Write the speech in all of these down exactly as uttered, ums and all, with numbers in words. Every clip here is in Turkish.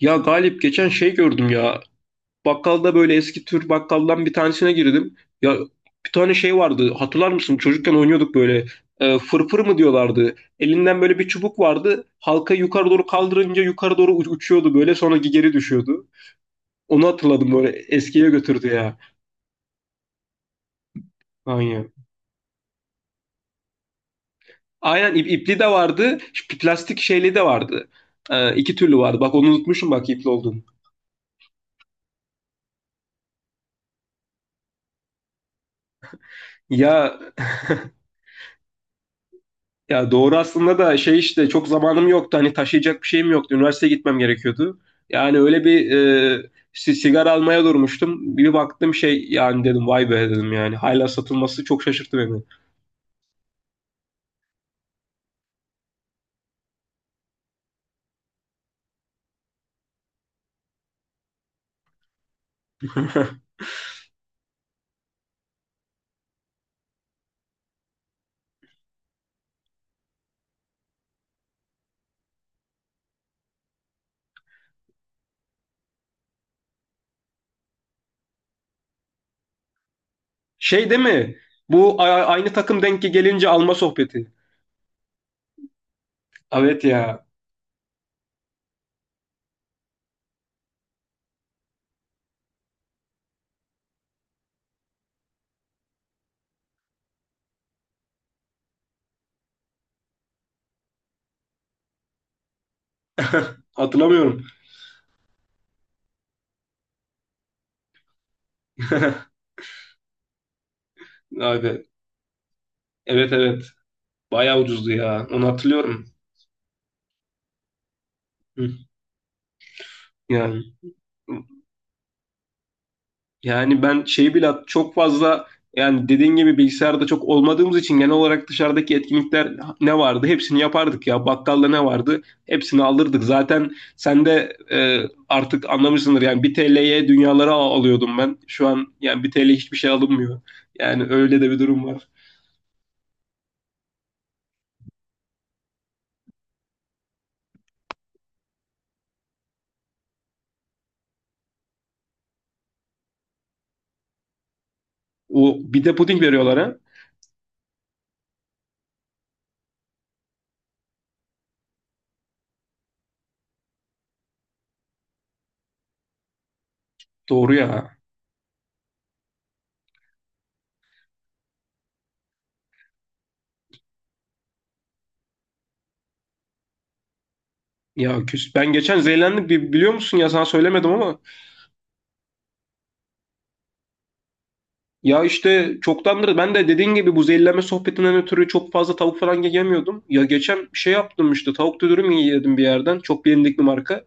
Ya Galip geçen şey gördüm ya. Bakkalda böyle eski tür bakkaldan bir tanesine girdim. Ya bir tane şey vardı. Hatırlar mısın? Çocukken oynuyorduk böyle. Ee, fırfır mı diyorlardı. Elinden böyle bir çubuk vardı. Halka yukarı doğru kaldırınca yukarı doğru u- uçuyordu böyle. Sonra geri düşüyordu. Onu hatırladım böyle. Eskiye götürdü ya. Aynen. Aynen ip, ipli de vardı. Ş- Plastik şeyli de vardı. Ee, iki türlü vardı. Bak onu unutmuşum bak ipli olduğunu. Ya Ya doğru aslında da şey işte çok zamanım yoktu. Hani taşıyacak bir şeyim yoktu. Üniversiteye gitmem gerekiyordu. Yani öyle bir e, si- sigara almaya durmuştum. Bir baktım şey yani dedim vay be dedim yani. Hala satılması çok şaşırttı beni. Şey değil mi? Bu a- aynı takım denk gelince alma sohbeti. Evet ya. Hatırlamıyorum. Abi. Evet, evet. Bayağı ucuzdu ya. Onu hatırlıyorum. Hı. Yani. Yani ben şeyi bile at- çok fazla yani dediğin gibi bilgisayarda çok olmadığımız için genel olarak dışarıdaki etkinlikler ne vardı? Hepsini yapardık ya. Bakkalda ne vardı? Hepsini alırdık. Zaten sen de e, artık anlamışsındır yani bir T L'ye dünyaları al- alıyordum ben. Şu an yani bir T L hiçbir şey alınmıyor. Yani öyle de bir durum var. O bir de puding veriyorlar ha. Doğru ya. Ya küs. Ben geçen zehirlendim. Bi- biliyor musun ya, sana söylemedim ama ya işte çoktandır ben de dediğin gibi bu zehirlenme sohbetinden ötürü çok fazla tavuk falan yiyemiyordum. Ya geçen bir şey yaptım işte, tavuk dürüm yedim bir yerden. Çok bilindik bir marka.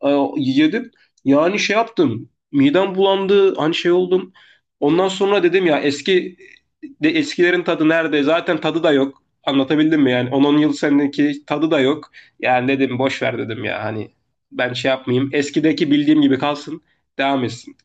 Aa, yedim. Yani şey yaptım. Midem bulandı. Hani şey oldum. Ondan sonra dedim ya eski de eskilerin tadı nerede? Zaten tadı da yok. Anlatabildim mi yani? On-on yıl seneki tadı da yok. Yani dedim boş ver dedim ya, hani ben şey yapmayayım. Eskideki bildiğim gibi kalsın. Devam etsin.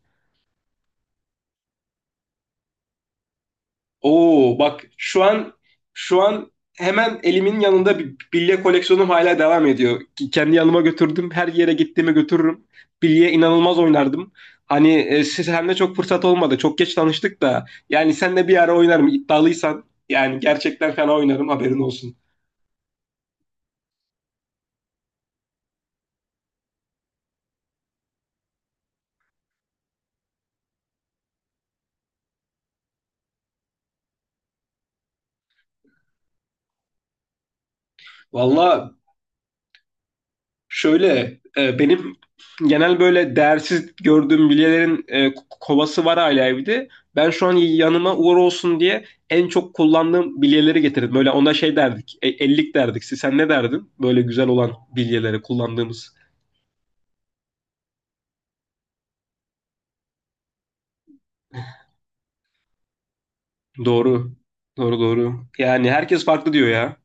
Oo bak şu an şu an hemen elimin yanında bir bilye koleksiyonum hala devam ediyor. Ki kendi yanıma götürdüm. Her yere gittiğimi götürürüm. Bilye inanılmaz oynardım. Hani e, siz hem de çok fırsat olmadı. Çok geç tanıştık da. Yani senle bir ara oynarım iddialıysan. Yani gerçekten fena oynarım haberin olsun. Valla şöyle e, benim genel böyle değersiz gördüğüm bilyelerin e, kovası var hala evde. Ben şu an yanıma uğur olsun diye en çok kullandığım bilyeleri getirdim. Böyle ona şey derdik, e, ellik derdik. Siz- Sen ne derdin? Böyle güzel olan bilyeleri kullandığımız. Doğru, doğru, doğru. Yani herkes farklı diyor ya.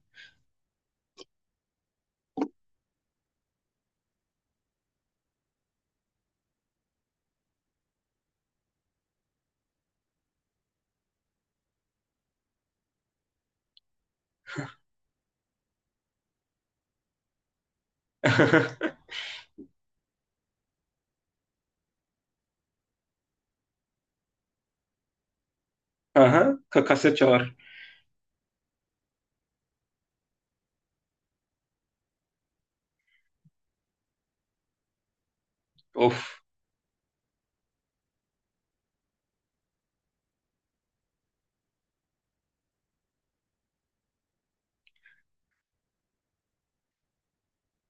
Aha, ka- kaset çalar. Of.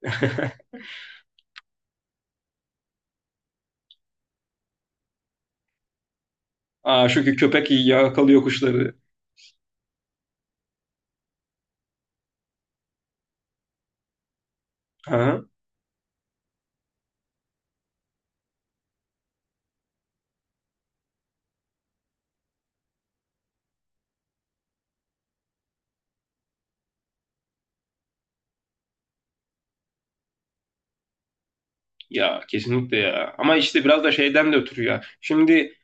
Aa, çünkü köpek yakalıyor kuşları. Aha. Ya kesinlikle ya. Ama işte biraz da şeyden de ötürü ya. Şimdi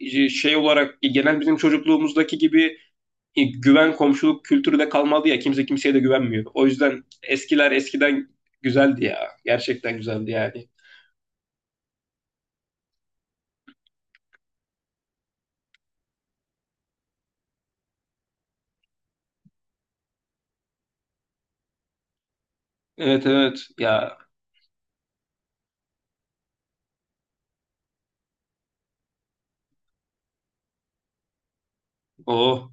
e, şey olarak e, genel bizim çocukluğumuzdaki gibi e, güven komşuluk kültürü de kalmadı ya, kimse kimseye de güvenmiyor. O yüzden eskiler eskiden güzeldi ya. Gerçekten güzeldi yani. Evet, evet ya. O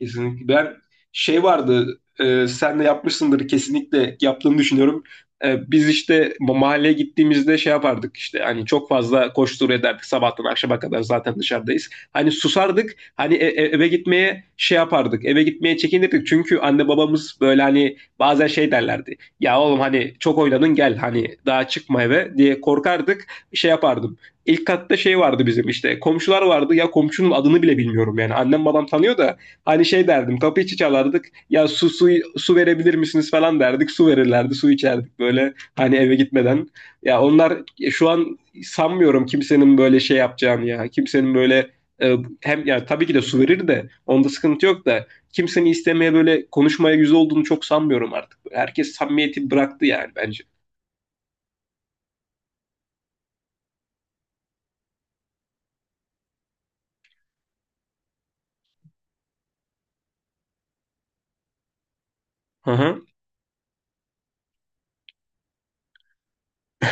Kesinlikle. Ben şey vardı e, sen de yapmışsındır, kesinlikle yaptığını düşünüyorum. E, biz işte ma- mahalleye gittiğimizde şey yapardık işte, hani çok fazla koştur ederdik sabahtan akşama kadar, zaten dışarıdayız. Hani susardık hani e- e- eve gitmeye şey yapardık, eve gitmeye çekinirdik çünkü anne babamız böyle hani bazen şey derlerdi. Ya oğlum hani çok oynadın gel, hani daha çıkma eve diye korkardık, şey yapardım. İlk katta şey vardı bizim, işte komşular vardı ya, komşunun adını bile bilmiyorum yani, annem babam tanıyor da hani şey derdim, kapıyı çalardık ya, su, su su verebilir misiniz falan derdik, su verirlerdi, su içerdik böyle hani eve gitmeden. Ya onlar şu an sanmıyorum kimsenin böyle şey yapacağını ya, kimsenin böyle e, hem ya tabii ki de su verir de onda sıkıntı yok da kimsenin istemeye böyle konuşmaya yüz olduğunu çok sanmıyorum artık. Herkes samimiyeti bıraktı yani bence. Hı hı.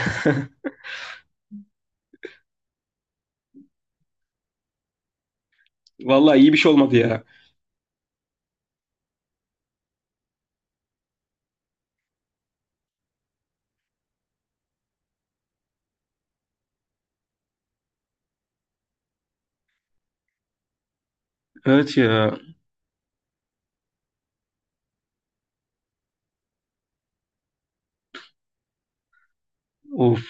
Vallahi iyi bir şey olmadı ya. Evet ya. Of.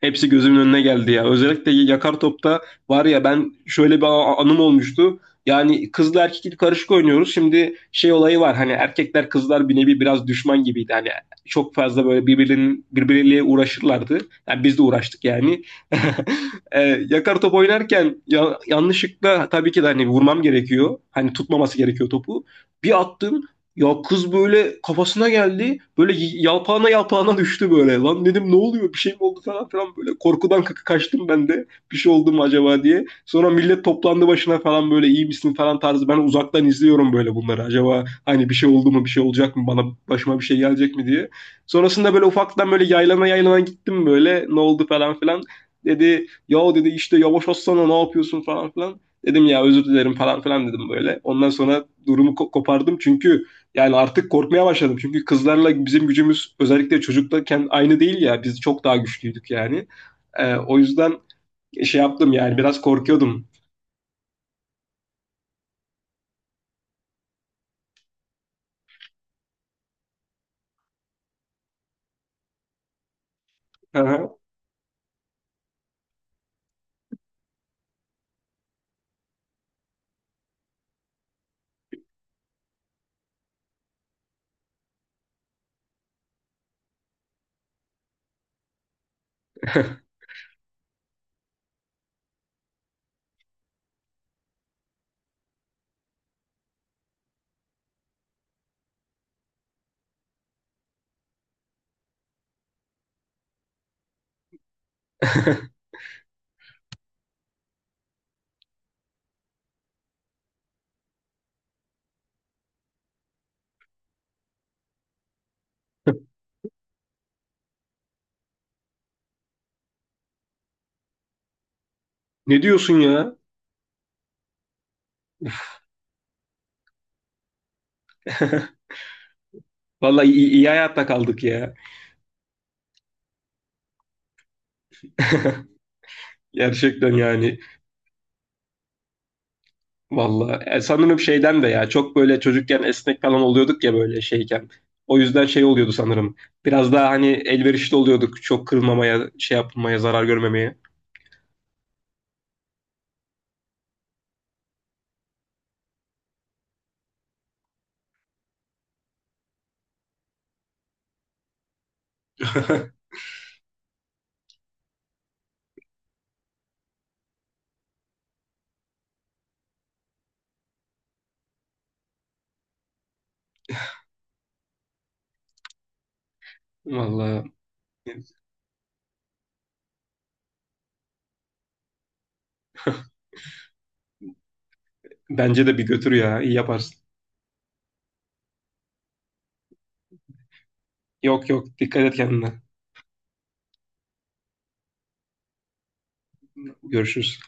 Hepsi gözümün önüne geldi ya. Özellikle yakar topta var ya, ben şöyle bir a- anım olmuştu. Yani kızla erkek karışık oynuyoruz. Şimdi şey olayı var. Hani erkekler kızlar bir nevi biraz düşman gibiydi. Hani çok fazla böyle birbirinin birbirleriyle uğraşırlardı. Yani biz de uğraştık yani. e, yakar top oynarken ya, yanlışlıkla tabii ki de, hani vurmam gerekiyor. Hani tutmaması gerekiyor topu. Bir attım ya, kız böyle kafasına geldi. Böyle y- yalpağına yalpağına düştü böyle. Lan dedim ne oluyor, bir şey mi oldu falan filan böyle. Korkudan kaka kaçtım ben de. Bir şey oldu mu acaba diye. Sonra millet toplandı başına falan, böyle iyi misin falan tarzı. Ben uzaktan izliyorum böyle bunları. Acaba hani bir şey oldu mu, bir şey olacak mı bana, başıma bir şey gelecek mi diye. Sonrasında böyle ufaktan böyle yaylana yaylana gittim böyle. Ne oldu falan filan. Dedi ya dedi işte yavaş atsana, ne yapıyorsun falan filan. Dedim ya özür dilerim falan filan dedim böyle. Ondan sonra durumu ko- kopardım çünkü yani artık korkmaya başladım. Çünkü kızlarla bizim gücümüz özellikle çocuktayken aynı değil ya. Biz çok daha güçlüydük yani. Ee, o yüzden şey yaptım yani, biraz korkuyordum. Ne diyorsun ya? Vallahi iyi, iyi hayatta kaldık ya. Gerçekten yani. Vallahi E, sanırım şeyden de ya, çok böyle çocukken esnek falan oluyorduk ya böyle şeyken. O yüzden şey oluyordu sanırım. Biraz daha hani elverişli oluyorduk. Çok kırılmamaya, şey yapmamaya, zarar görmemeye. Vallahi bence de bir götür ya. İyi yaparsın. Yok, yok, dikkat et kendine. Görüşürüz.